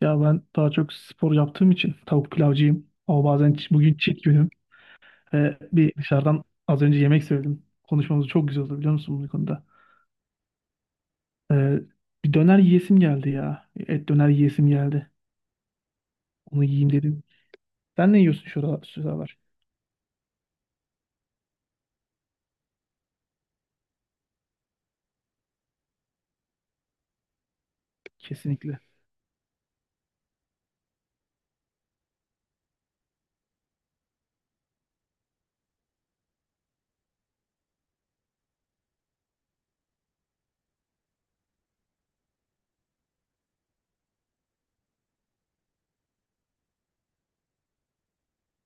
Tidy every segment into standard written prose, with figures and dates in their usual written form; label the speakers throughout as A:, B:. A: Ya ben daha çok spor yaptığım için tavuk pilavcıyım. Ama bazen bugün cheat günüm. Bir dışarıdan az önce yemek söyledim. Konuşmamız çok güzel oldu biliyor musun bu konuda? Ee, bir döner yiyesim geldi ya. Et döner yiyesim geldi. Onu yiyeyim dedim. Sen ne yiyorsun şuralar? Kesinlikle.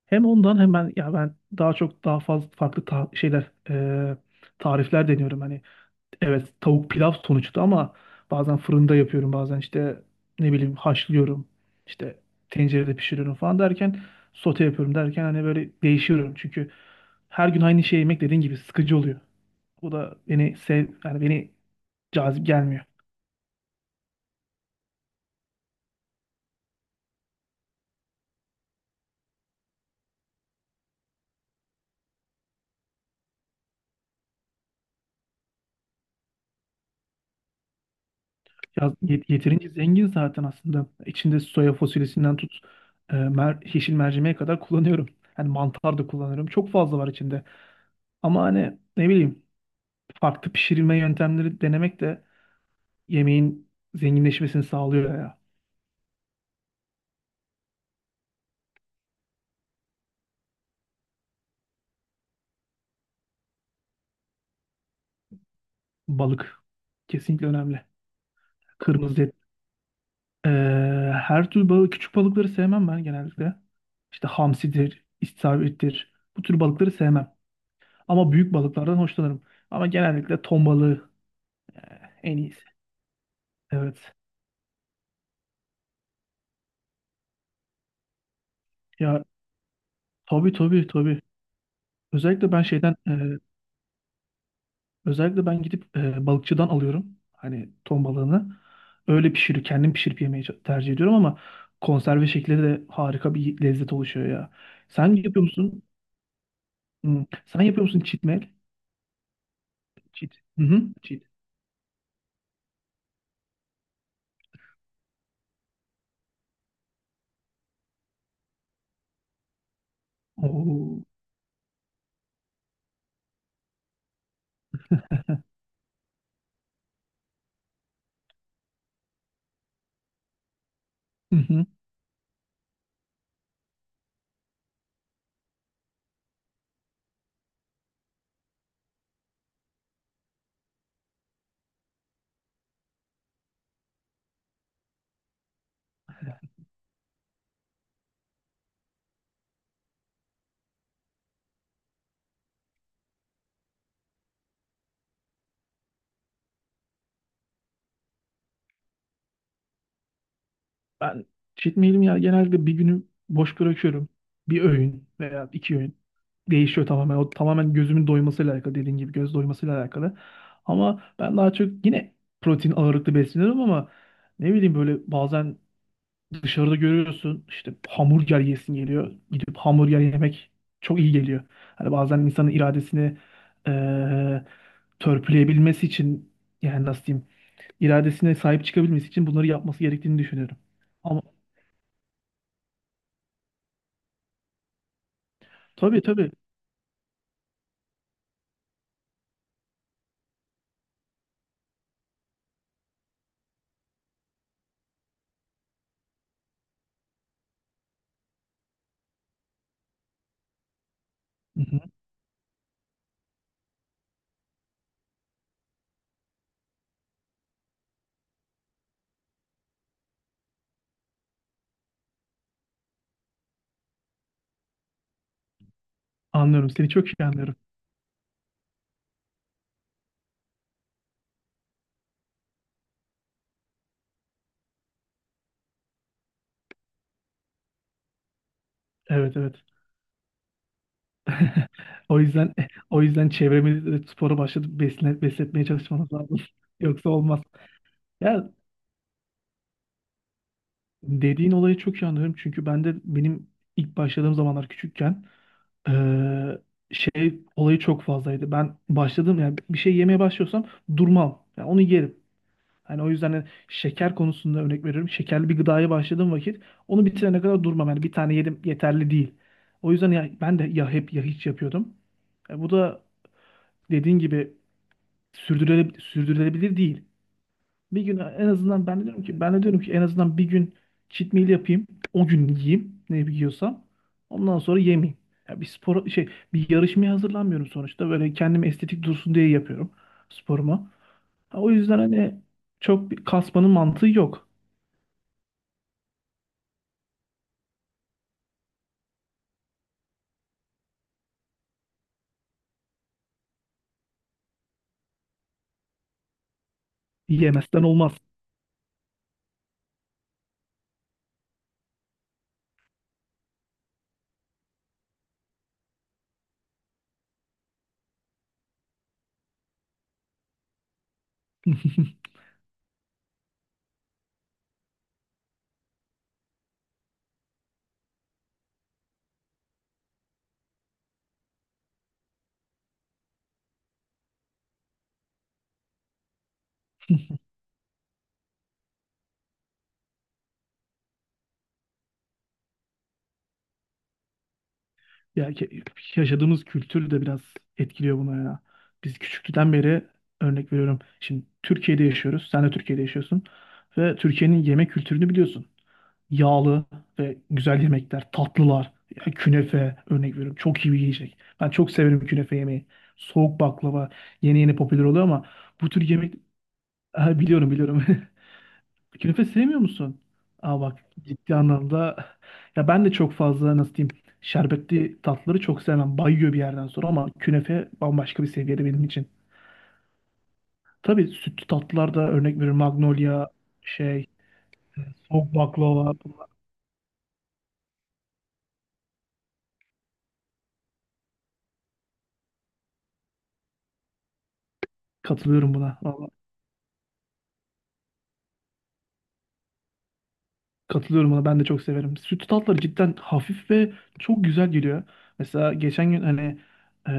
A: Hem ondan hem ben ya ben daha fazla farklı şeyler, tarifler deniyorum hani. Evet tavuk pilav sonuçta. Ama bazen fırında yapıyorum, bazen işte ne bileyim haşlıyorum, işte tencerede pişiriyorum falan derken, sote yapıyorum derken hani böyle değişiyorum, çünkü her gün aynı şey yemek dediğin gibi sıkıcı oluyor. Bu da beni sev yani beni cazip gelmiyor. Yeterince zengin zaten aslında. İçinde soya fasulyesinden tut e, mer yeşil mercimeğe kadar kullanıyorum. Hani mantar da kullanıyorum. Çok fazla var içinde. Ama hani ne bileyim, farklı pişirilme yöntemleri denemek de yemeğin zenginleşmesini sağlıyor ya. Balık kesinlikle önemli. Kırmızı et. Ee, her tür balık, küçük balıkları sevmem ben genellikle. İşte hamsidir, istavrittir. Bu tür balıkları sevmem. Ama büyük balıklardan hoşlanırım. Ama genellikle ton balığı en iyisi. Evet. Ya, tabii tabii tabii. Özellikle ben şeyden ee, Özellikle ben gidip balıkçıdan alıyorum. Hani ton balığını. Öyle pişirip kendim pişirip yemeyi çok tercih ediyorum, ama konserve şekli de harika bir lezzet oluşuyor ya. Sen yapıyor musun? Hmm. Sen yapıyor musun çitmel? Çit. Hı hı. Çit. Oo. Hı hı. Ben cheat meal'imi ya genelde bir günü boş bırakıyorum. Bir öğün veya iki öğün. Değişiyor tamamen. O tamamen gözümün doymasıyla alakalı, dediğin gibi göz doymasıyla alakalı. Ama ben daha çok yine protein ağırlıklı besleniyorum, ama ne bileyim böyle bazen dışarıda görüyorsun işte, hamburger yesin geliyor. Gidip hamburger yemek çok iyi geliyor. Hani bazen insanın iradesini eee törpüleyebilmesi için, yani nasıl diyeyim, iradesine sahip çıkabilmesi için bunları yapması gerektiğini düşünüyorum. Ama tabii tabii. Hı hı. Anlıyorum seni, çok iyi anlıyorum. Evet evet. O yüzden o yüzden çevremizde de spora başladık, besletmeye çalışmamız lazım. Yoksa olmaz. Ya, dediğin olayı çok iyi anlıyorum. Çünkü ben de ilk başladığım zamanlar küçükken, eee, şey olayı çok fazlaydı. Ben başladım, yani bir şey yemeye başlıyorsam durmam. Yani onu yerim. Hani o yüzden, hani şeker konusunda örnek veriyorum. Şekerli bir gıdaya başladığım vakit onu bitirene kadar durmam. Yani bir tane yedim yeterli değil. O yüzden ya, ben de ya hep ya hiç yapıyordum. Bu da dediğin gibi sürdürülebilir değil. Bir gün en azından, ben de diyorum ki, en azından bir gün cheat meal yapayım. O gün yiyeyim ne yiyorsam. Ondan sonra yemeyeyim. Ya, bir spor bir yarışmaya hazırlanmıyorum sonuçta. Böyle kendim estetik dursun diye yapıyorum sporumu. Ha, o yüzden hani çok bir kasmanın mantığı yok. Yemezsen olmaz. Ya yaşadığımız kültür de biraz etkiliyor buna ya. Biz küçüklükten beri, örnek veriyorum, şimdi Türkiye'de yaşıyoruz. Sen de Türkiye'de yaşıyorsun. Ve Türkiye'nin yemek kültürünü biliyorsun. Yağlı ve güzel yemekler, tatlılar, ya künefe örnek veriyorum. Çok iyi bir yiyecek. Ben çok severim künefe yemeği. Soğuk baklava yeni yeni popüler oluyor, ama bu tür yemek. Ha, biliyorum biliyorum. Künefe sevmiyor musun? Aa bak, ciddi anlamda ya ben de çok fazla, nasıl diyeyim, şerbetli tatları çok sevmem. Bayıyor bir yerden sonra, ama künefe bambaşka bir seviyede benim için. Tabii sütlü tatlılar da, örnek veriyorum, Magnolia, şey, soğuk baklava, katılıyorum buna. Vallahi katılıyorum buna, ben de çok severim. Sütlü tatlar cidden hafif ve çok güzel geliyor. Mesela geçen gün hani e,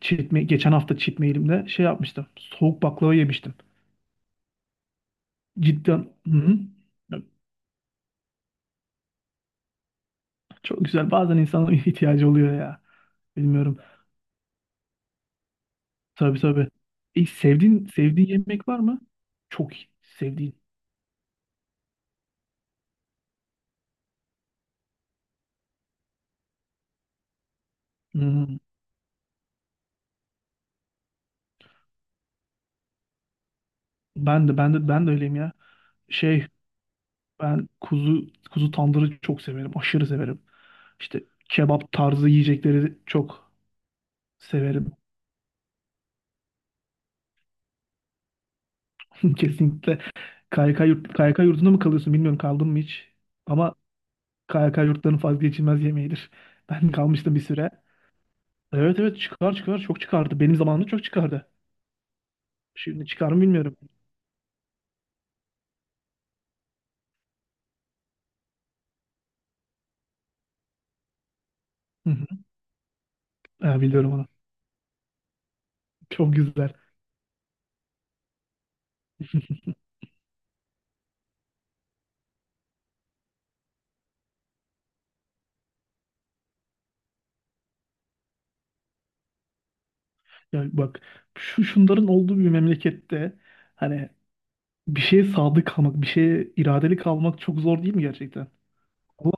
A: geçen hafta çitmeyelimde şey yapmıştım. Soğuk baklava yemiştim. Cidden hı hı. Çok güzel. Bazen insanın ihtiyacı oluyor ya. Bilmiyorum. Tabii tabii. Sevdiğin yemek var mı? Çok iyi. Sevdiğin. Hmm. Ben de öyleyim ya. Şey ben kuzu tandırı çok severim. Aşırı severim. İşte kebap tarzı yiyecekleri çok severim. Kesinlikle. KYK yurdunda mı kalıyorsun bilmiyorum, kaldın mı hiç. Ama KYK yurtlarının vazgeçilmez yemeğidir. Ben kalmıştım bir süre. Evet evet, çıkar çıkar, çok çıkardı. Benim zamanımda çok çıkardı. Şimdi çıkar mı bilmiyorum. Hı hı. Ha, biliyorum onu. Çok güzel. Ya bak, şunların olduğu bir memlekette, hani bir şeye sadık kalmak, bir şeye iradeli kalmak çok zor değil mi gerçekten? Ama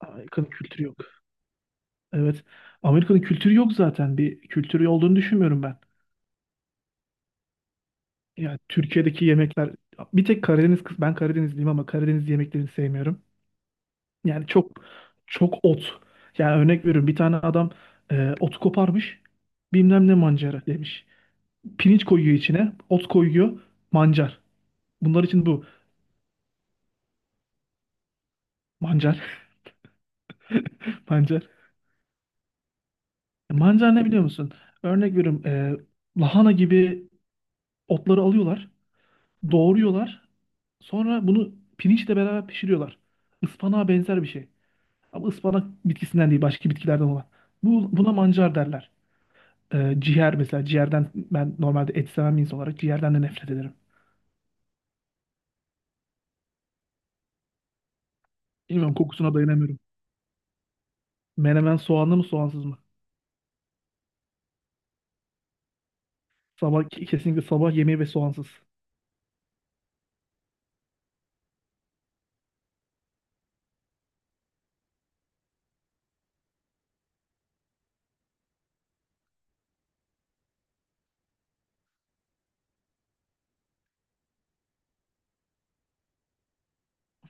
A: Amerika'nın kültürü yok. Evet. Amerika'nın kültürü yok zaten. Bir kültürü olduğunu düşünmüyorum ben. Yani Türkiye'deki yemekler bir tek Karadeniz kız, ben Karadenizliyim ama Karadeniz yemeklerini sevmiyorum. Yani çok çok ot. Yani örnek veriyorum, bir tane adam ot koparmış, bilmem ne mancara demiş. Pirinç koyuyor içine. Ot koyuyor. Mancar. Bunlar için bu. Mancar. Mancar. Mancar ne biliyor musun? Örnek veriyorum. Lahana gibi otları alıyorlar. Doğruyorlar. Sonra bunu pirinçle beraber pişiriyorlar. Ispanağa benzer bir şey. Ama ıspanak bitkisinden değil. Başka bitkilerden olan. Buna mancar derler. Ciğer mesela. Ciğerden, ben normalde et seven bir insan olarak, ciğerden de nefret ederim. Bilmiyorum, kokusuna dayanamıyorum. Menemen soğanlı mı soğansız mı? Sabah kesinlikle, sabah yemeği ve soğansız.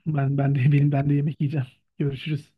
A: Ben de yemek yiyeceğim. Görüşürüz.